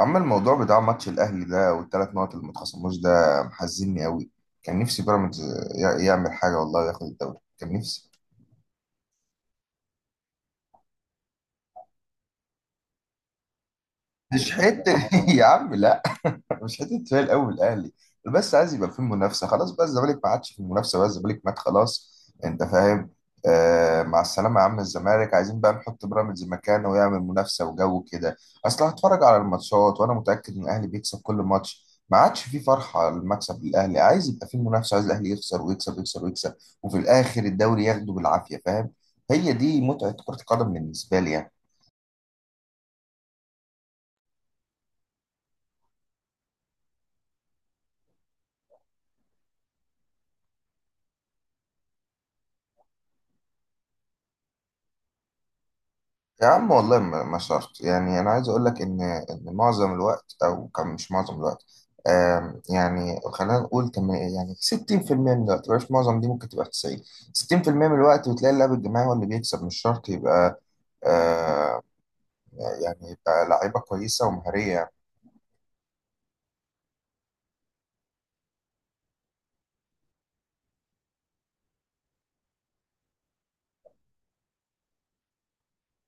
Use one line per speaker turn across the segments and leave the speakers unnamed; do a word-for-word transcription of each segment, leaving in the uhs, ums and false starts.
أما الموضوع بتاع ماتش الأهلي ده والتلات نقط اللي ما اتخصموش ده محزنني أوي. كان نفسي بيراميدز ي- يعمل حاجة والله وياخد الدوري، كان نفسي. مش حتة يا عم لا، مش حته فارق قوي الاهلي، بس عايز يبقى في منافسه. خلاص بقى الزمالك ما عادش في المنافسه، بقى الزمالك مات خلاص، انت فاهم. آه مع السلامه يا عم الزمالك، عايزين بقى نحط بيراميدز مكانه ويعمل منافسه وجو كده. اصل هتفرج على الماتشات وانا متاكد ان الاهلي بيكسب كل ماتش، ما عادش في فرحه على المكسب للاهلي، عايز يبقى في منافسه، عايز الاهلي يخسر ويكسب ويكسب ويكسب، وفي الاخر الدوري ياخده بالعافيه، فاهم. هي دي متعه كره القدم بالنسبه لي يعني. يا عم والله ما ما شرط يعني، انا عايز اقول لك ان ان معظم الوقت او كم، مش معظم الوقت، آم، يعني خلينا نقول كم، يعني ستين في المية من الوقت، مش معظم، دي ممكن تبقى تسعين. ستين في المية من الوقت بتلاقي اللعب الجماعي هو اللي بيكسب، مش شرط يبقى آه، يعني يبقى لعيبه كويسه ومهاريه.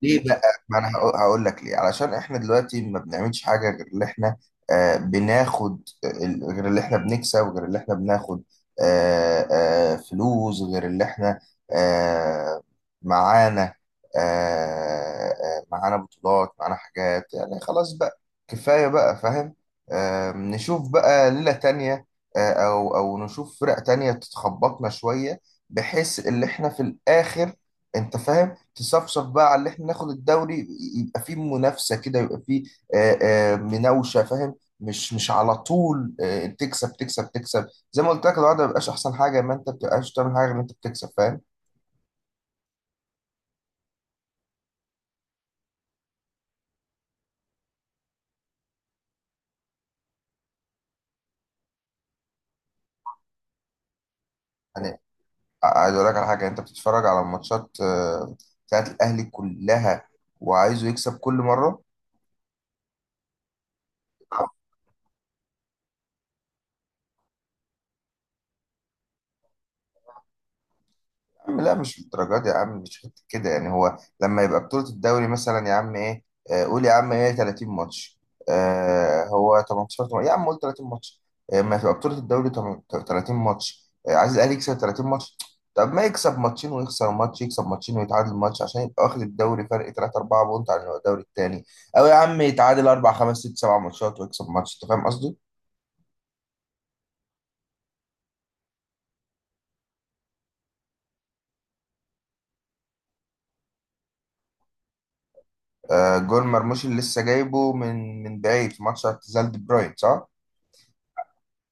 ليه بقى؟ ما انا هقو- هقول لك ليه، علشان احنا دلوقتي ما بنعملش حاجه غير اللي احنا آه بناخد، آه، ال- غير اللي احنا بنكسب، غير اللي احنا بناخد، آه آه فلوس، غير اللي احنا آه معانا، آه آه معانا بطولات، معانا حاجات، يعني خلاص بقى، كفايه بقى، فاهم. آه نشوف بقى ليله تانية، آه او او نشوف فرق تانية تتخبطنا شويه، بحيث اللي احنا في الاخر، انت فاهم، تصفصف بقى على اللي احنا ناخد الدوري، يبقى فيه منافسه كده، يبقى فيه آه، آه، مناوشه، فاهم، مش مش على طول آه، تكسب تكسب تكسب. زي ما قلت لك الوضع ما بيبقاش احسن حاجه، ما انت ما بتبقاش تعمل حاجه غير ان انت بتكسب، فاهم. يعني عايز اقول لك على حاجه، انت بتتفرج على الماتشات آه، بتاعت الاهلي كلها وعايزه يكسب كل مره. عم لا مش بالدرجات يا عم، مش حتة كده يعني، هو لما يبقى بطولة الدوري مثلا يا عم ايه، آه، قول يا عم ايه تلاتين ماتش، آه هو تمنتاشر تم- يا عم قول تلاتين ماتش، آه، ما تبقى بطولة الدوري تم- تلاتين ماتش، آه، عايز الاهلي يكسب تلاتين ماتش. طب ما يكسب ماتشين ويخسر ماتش، يكسب ماتشين ويتعادل ماتش، عشان يبقى واخد الدوري فرق تلاتة اربعة بونت عن الدوري التاني، او يا عم يتعادل اربعة خمس ست سبع ماتشات ويكسب ماتش، انت فاهم قصدي؟ آه جول مرموش اللي لسه جايبه من من بعيد في ماتش اعتزال دي بروين، صح؟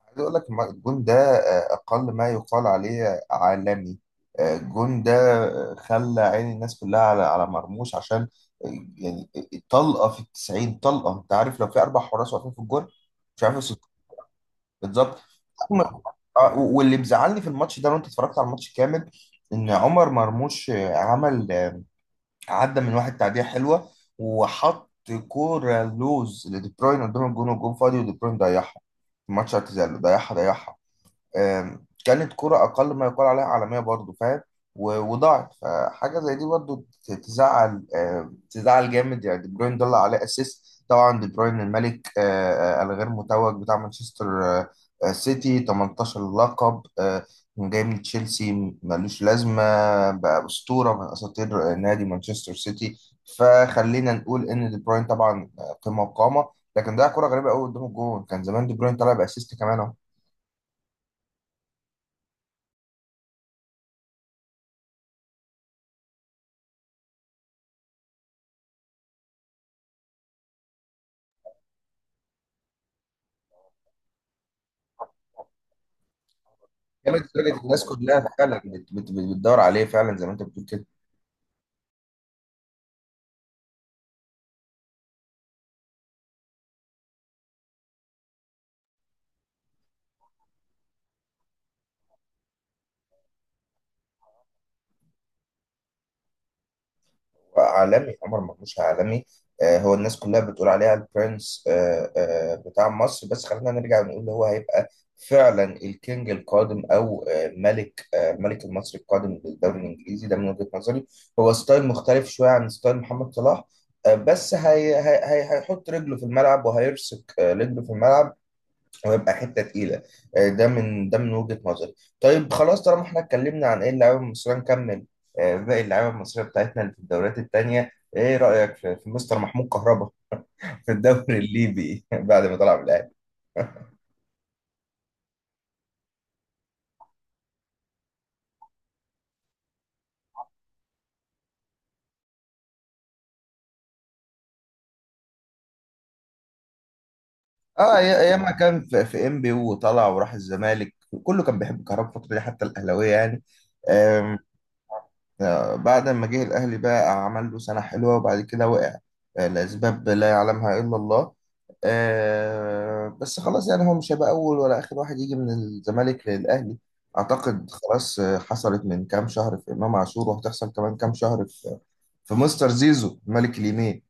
عايز اقول لك ما- الجون ده آه، اقل ما يقال عليه عالمي. آه، الجون ده آه، خلى عين الناس كلها على على مرموش، عشان آه، يعني طلقه في التسعين، طلقه، انت عارف لو في اربع حراس واقفين في الجون مش عارف يصد- بالظبط. عمر- آه، واللي مزعلني في الماتش ده، وانت اتفرجت على الماتش كامل، ان عمر مرموش آه، عمل آه، عدى من واحد تعديه حلوه وحط كوره لوز لدي بروين قدام الجون والجون فاضي، ودي بروين ضيعها في ماتش اعتزال، ضيعها ضيعها. آم، كانت كرة أقل ما يقال عليها عالمية برضو، فاهم. و- وضاعت، فحاجة زي دي برضو ت- تزعل، آم، تزعل جامد يعني. دي بروين ضل عليه أسيست، طبعا دي بروين الملك آه، آه، الغير متوج بتاع مانشستر آه، آه، سيتي، تمنتاشر لقب، آه، جاي من تشيلسي ملوش لازمة، بقى أسطورة من أساطير آه، نادي مانشستر سيتي. فخلينا نقول إن دي بروين طبعا آه، قمة وقامة، لكن ده كرة غريبة قوي قدام الجون، كان زمان دي بروين طلع بأسيست كمان. جامد لدرجه الناس كلها فعلا بت- بت- بتدور عليه فعلا زي ما انت بتقول كده. عالمي، عمر مرموش عالمي. آه، هو الناس كلها بتقول عليه البرنس آه، آه، بتاع مصر، بس خلينا نرجع ونقول هو هيبقى فعلا الكينج القادم، او آه، ملك آه، ملك المصري القادم للدوري الانجليزي ده من وجهة نظري. هو ستايل مختلف شويه عن ستايل محمد صلاح، آه، بس هي هي هي- هيحط رجله في الملعب وهيرسك آه، رجله في الملعب. هو يبقى حته تقيله آه، ده من ده من وجهه نظري. طيب خلاص طالما احنا اتكلمنا عن ايه اللعيبه المصريه، نكمل آه، باقي اللعيبه المصريه بتاعتنا اللي في الدوريات التانيه. ايه رايك في, في مستر محمود كهربا في الدوري الليبي بعد ما طلع من الاهلي؟ اه أي- ايام ما كان في, في ام بي وطلع وراح الزمالك، كله كان بيحب كهربا الفتره دي حتى الاهلاويه يعني. آه، بعد ما جه الأهلي بقى عمل له سنة حلوة وبعد كده وقع آه، لأسباب لا يعلمها إلا الله. آه، بس خلاص يعني هو مش هيبقى أول ولا آخر واحد يجي من الزمالك للأهلي. أعتقد خلاص آه، حصلت من كام شهر في إمام عاشور، وهتحصل كمان كام شهر في في مستر زيزو ملك اليمين.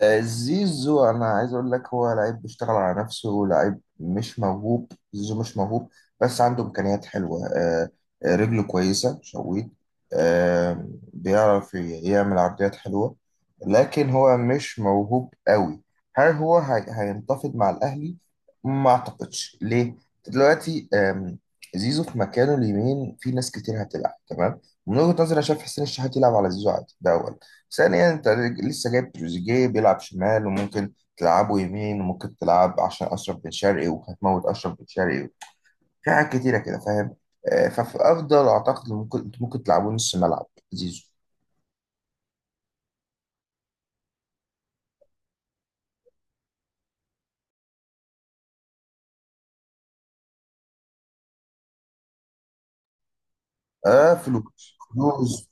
آه، زيزو انا عايز اقول لك هو لعيب بيشتغل على نفسه، لعيب مش موهوب، زيزو مش موهوب، بس عنده امكانيات حلوه آه، آه، رجله كويسه شويت، آه، بيعرف يعمل عرضيات حلوه، لكن هو مش موهوب قوي. هل هو هي- هينتفض مع الاهلي؟ ما اعتقدش، ليه؟ دلوقتي آم، زيزو في مكانه اليمين في ناس كتير هتلعب تمام. من وجهة نظري، انا شايف حسين الشحات يلعب على زيزو عادي، ده أولا. ثانيا، انت لسه جايب تروزيجيه بيلعب شمال، وممكن تلعبه يمين، وممكن تلعب عشان اشرف بن شرقي وهتموت اشرف بن شرقي، في حاجات كتيره كده فاهم. آه، ففي افضل اعتقد إن ممكن انتوا ممكن تلعبوا نص ملعب زيزو. اه فلوس، فلوس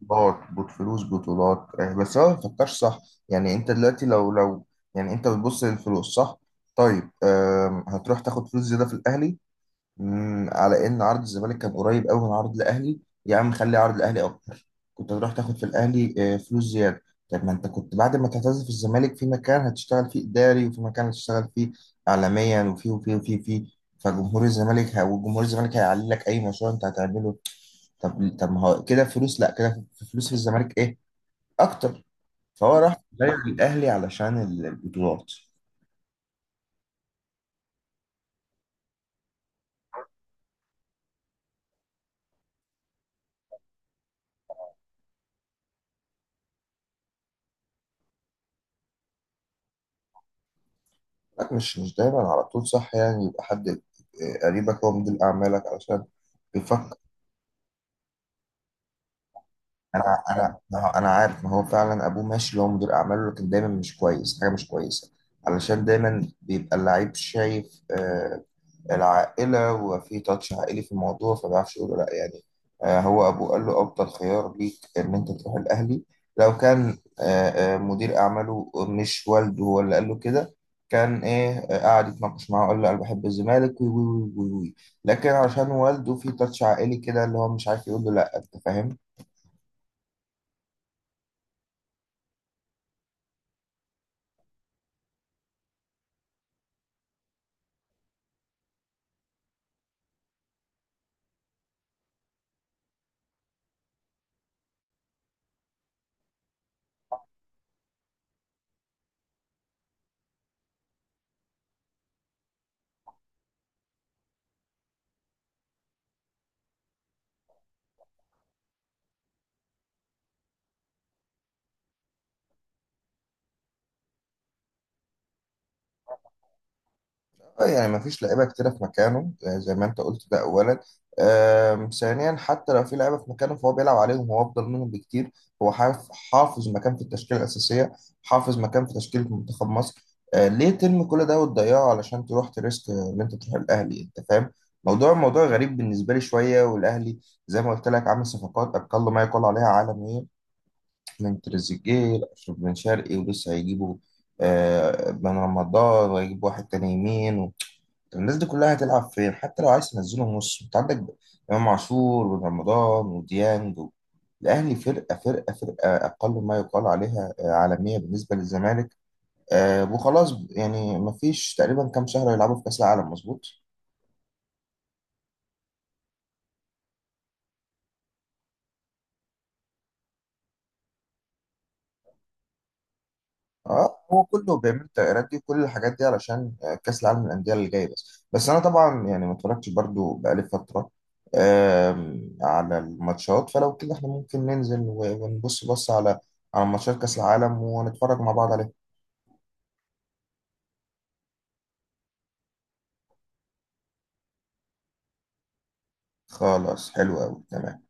بطولات بط- فلوس بطولات آه، بس هو ما بيفكرش صح. يعني انت دلوقتي لو لو يعني انت بتبص للفلوس، صح؟ طيب آم، هتروح تاخد فلوس زياده في الاهلي، مم، على ان عرض الزمالك كان قريب قوي من عرض الاهلي. يا عم خلي عرض الاهلي اكتر، كنت هتروح تاخد في الاهلي آه، فلوس زياده. طب ما انت كنت بعد ما تعتزل في الزمالك، في مكان هتشتغل فيه اداري، وفي مكان هتشتغل فيه اعلاميا، وفي وفي وفي وفي. فجمهور الزمالك ه- وجمهور الزمالك هيعلي لك اي مشروع انت هتعمله. طب طب ما هو كده فلوس، لا كده في فلوس في الزمالك ايه اكتر، فهو راح صح غير الاهلي علشان ال- البطولات. لا مش مش دايما على طول صح يعني، يبقى حد آه، قريبك هو مدير أعمالك علشان بيفكر. أنا أنا ما هو- أنا عارف ما هو فعلا أبوه ماشي اللي هو مدير أعماله، لكن دايما مش كويس، حاجة مش كويسة، علشان دايما بيبقى اللعيب شايف آه، العائلة، وفي تاتش عائلي في الموضوع، فما بيعرفش يقول له لأ يعني. آه، هو أبوه قال له أفضل خيار ليك إن أنت تروح الأهلي. لو كان آه، آه، مدير أعماله مش والده هو اللي قال له كده، كان إيه آه، قعد يتناقش معاه وقال له أنا بحب الزمالك وي وي وي وي وي. لكن عشان والده في تاتش عائلي كده، اللي هو مش عارف يقول له لأ، أنت فاهم. اه يعني ما فيش لعيبه كتيره في مكانه آه، زي ما انت قلت ده اولا. آم، ثانيا حتى لو في لعيبه في مكانه، فهو بيلعب عليهم، هو افضل منهم بكتير. هو حاف- حافظ مكان في التشكيله الاساسيه، حافظ مكان في تشكيله منتخب مصر، آه، ليه ترمي كل ده وتضيعه علشان تروح تريسك ان انت تروح الاهلي، انت فاهم. موضوع موضوع غريب بالنسبه لي شويه، والاهلي زي ما قلت لك عامل صفقات اقل ما يقال عليها عالميه، من تريزيجيه لاشرف بن شرقي ولسه هيجيبوا آه، بن رمضان، وهيجيب واحد تاني يمين. طب الناس دي كلها هتلعب فين؟ حتى لو عايز تنزلهم نص، انت عندك امام عاشور وبن رمضان وديانج و... الاهلي فرقه فرقه فرقه اقل ما يقال عليها آه، عالميه بالنسبه للزمالك، آه، وخلاص يعني مفيش تقريبا كام شهر يلعبوا في كاس العالم، مظبوط. اه هو كله بيعمل التغييرات دي وكل الحاجات دي علشان آه، كأس العالم للأندية اللي جاي، بس بس انا طبعا يعني ما اتفرجتش برضو بقالي فترة آم، على الماتشات، فلو كده احنا ممكن ننزل و- ونبص بص على على ماتشات كأس العالم ونتفرج مع بعض عليها. خلاص حلو قوي تمام.